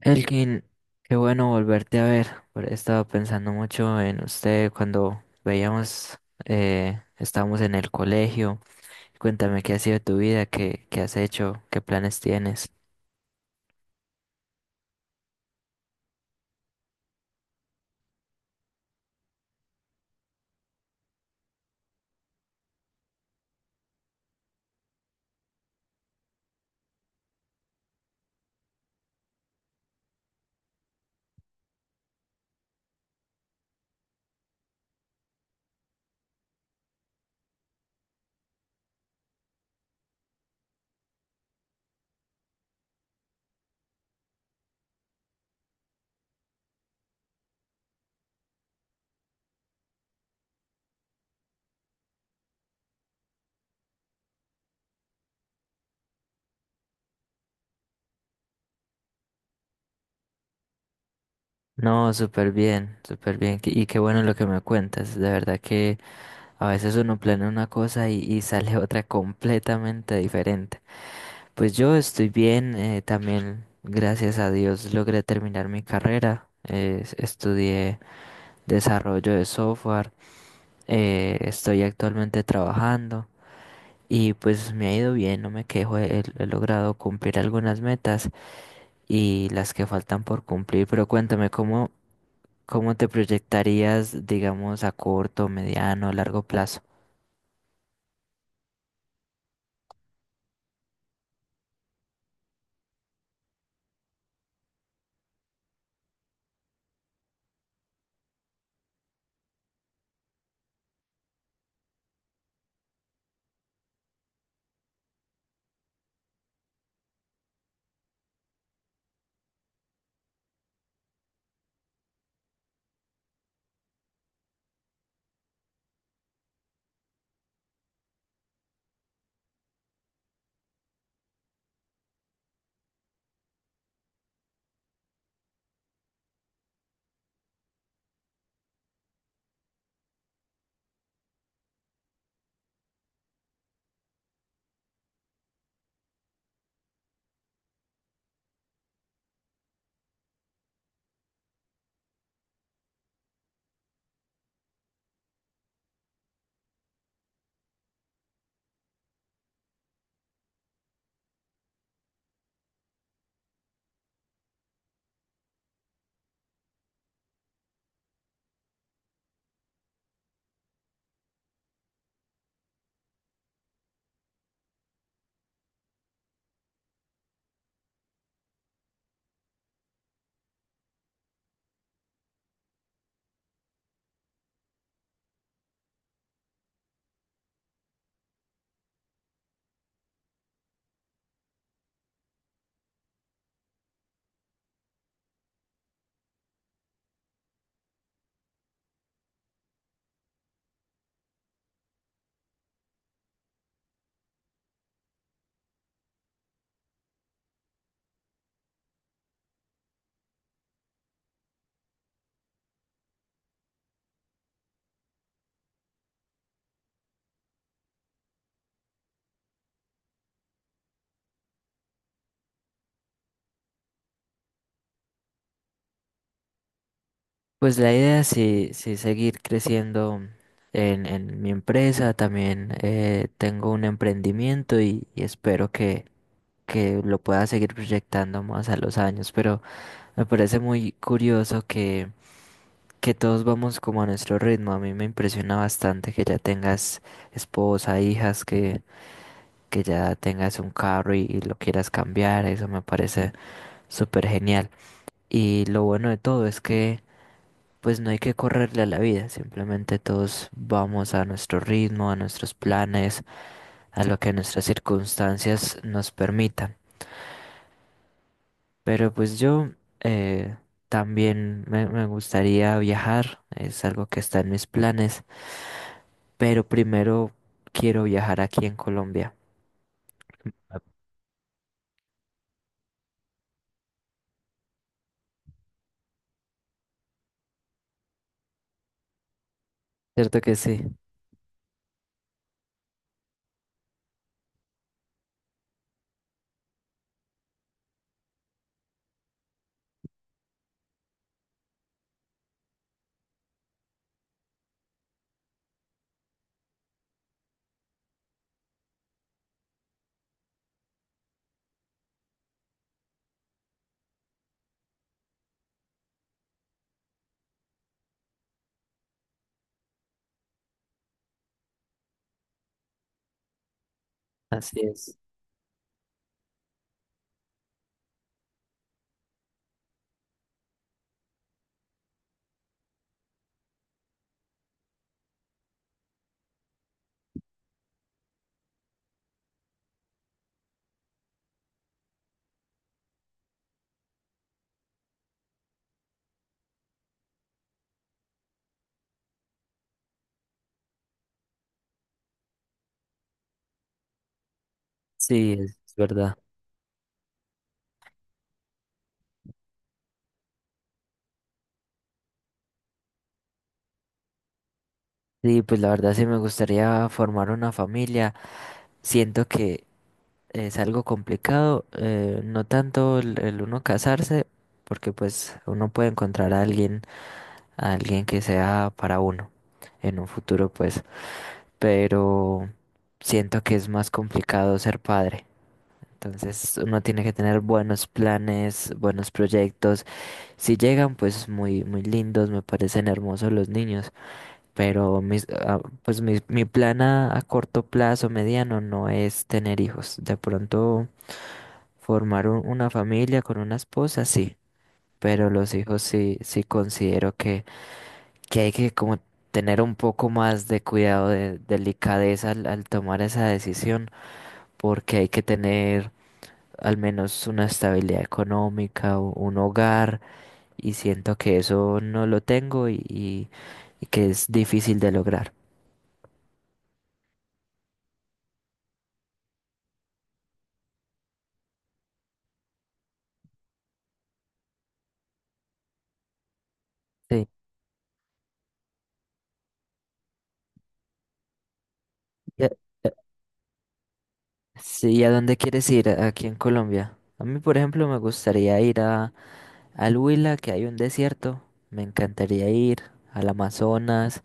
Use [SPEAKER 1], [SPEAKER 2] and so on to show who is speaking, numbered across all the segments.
[SPEAKER 1] Elkin, qué bueno volverte a ver. He estado pensando mucho en usted cuando veíamos, estábamos en el colegio. Cuéntame qué ha sido de tu vida, qué has hecho, qué planes tienes. No, súper bien, súper bien. Y qué bueno lo que me cuentas. De verdad que a veces uno planea una cosa y sale otra completamente diferente. Pues yo estoy bien, también gracias a Dios logré terminar mi carrera. Estudié desarrollo de software. Estoy actualmente trabajando y pues me ha ido bien, no me quejo, he logrado cumplir algunas metas y las que faltan por cumplir. Pero cuéntame, ¿cómo te proyectarías, digamos, a corto, mediano, largo plazo? Pues la idea es sí, sí seguir creciendo en mi empresa, también tengo un emprendimiento y espero que lo pueda seguir proyectando más a los años. Pero me parece muy curioso que todos vamos como a nuestro ritmo. A mí me impresiona bastante que ya tengas esposa, hijas, que ya tengas un carro y lo quieras cambiar. Eso me parece súper genial. Y lo bueno de todo es que pues no hay que correrle a la vida. Simplemente todos vamos a nuestro ritmo, a nuestros planes, a lo que nuestras circunstancias nos permitan. Pero pues yo... eh, también me gustaría viajar, es algo que está en mis planes. Pero primero quiero viajar aquí en Colombia. ¿Cierto que sí? Así es. Sí, es verdad. Sí, pues la verdad sí me gustaría formar una familia. Siento que es algo complicado, no tanto el uno casarse, porque pues uno puede encontrar a alguien que sea para uno en un futuro, pues, pero siento que es más complicado ser padre. Entonces uno tiene que tener buenos planes, buenos proyectos. Si llegan, pues muy, muy lindos, me parecen hermosos los niños, pero mis, ah, pues mi plan a corto plazo, mediano, no es tener hijos. De pronto formar una familia con una esposa, sí, pero los hijos sí, sí considero que hay que como tener un poco más de cuidado, de delicadeza al tomar esa decisión, porque hay que tener al menos una estabilidad económica, un hogar y siento que eso no lo tengo y que es difícil de lograr. Sí. ¿Y a, sí, ¿y a dónde quieres ir aquí en Colombia? A mí, por ejemplo, me gustaría ir a, al Huila, que hay un desierto. Me encantaría ir al Amazonas,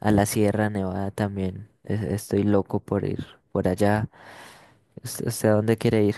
[SPEAKER 1] a la Sierra Nevada también. Estoy loco por ir por allá. ¿Usted, usted a dónde quiere ir?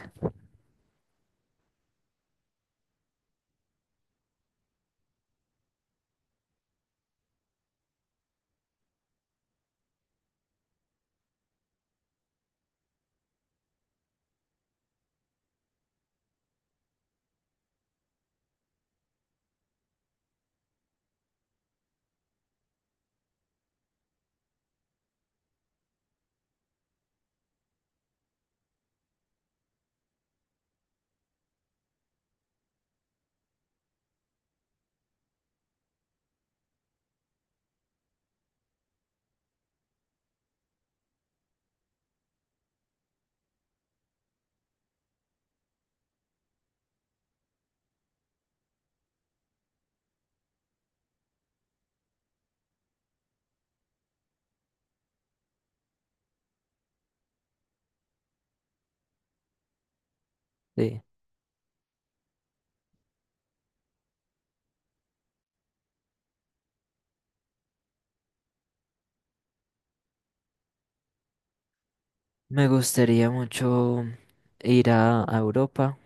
[SPEAKER 1] Sí. Me gustaría mucho ir a Europa.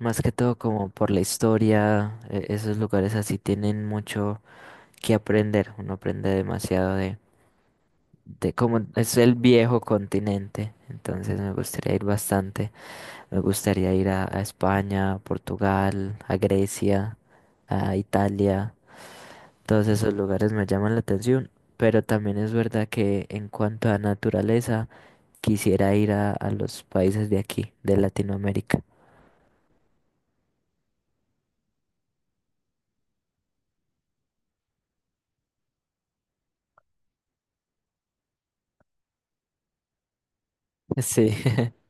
[SPEAKER 1] Más que todo como por la historia, esos lugares así tienen mucho que aprender, uno aprende demasiado de cómo es el viejo continente, entonces me gustaría ir bastante, me gustaría ir a España, a Portugal, a Grecia, a Italia, todos esos lugares me llaman la atención, pero también es verdad que en cuanto a naturaleza, quisiera ir a los países de aquí, de Latinoamérica. Sí.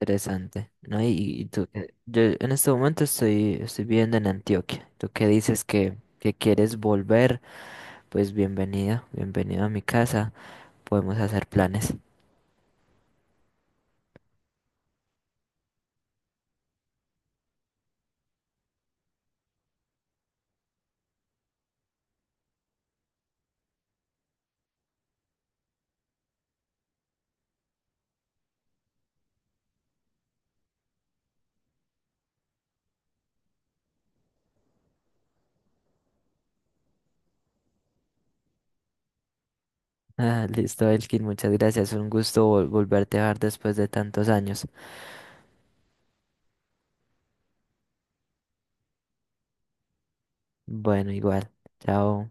[SPEAKER 1] Interesante, ¿no? Y tú, yo en este momento estoy, estoy viviendo en Antioquia. Tú que dices que quieres volver, pues bienvenido, bienvenido a mi casa. Podemos hacer planes. Ah, listo, Elkin, muchas gracias. Un gusto volverte a ver después de tantos años. Bueno, igual. Chao.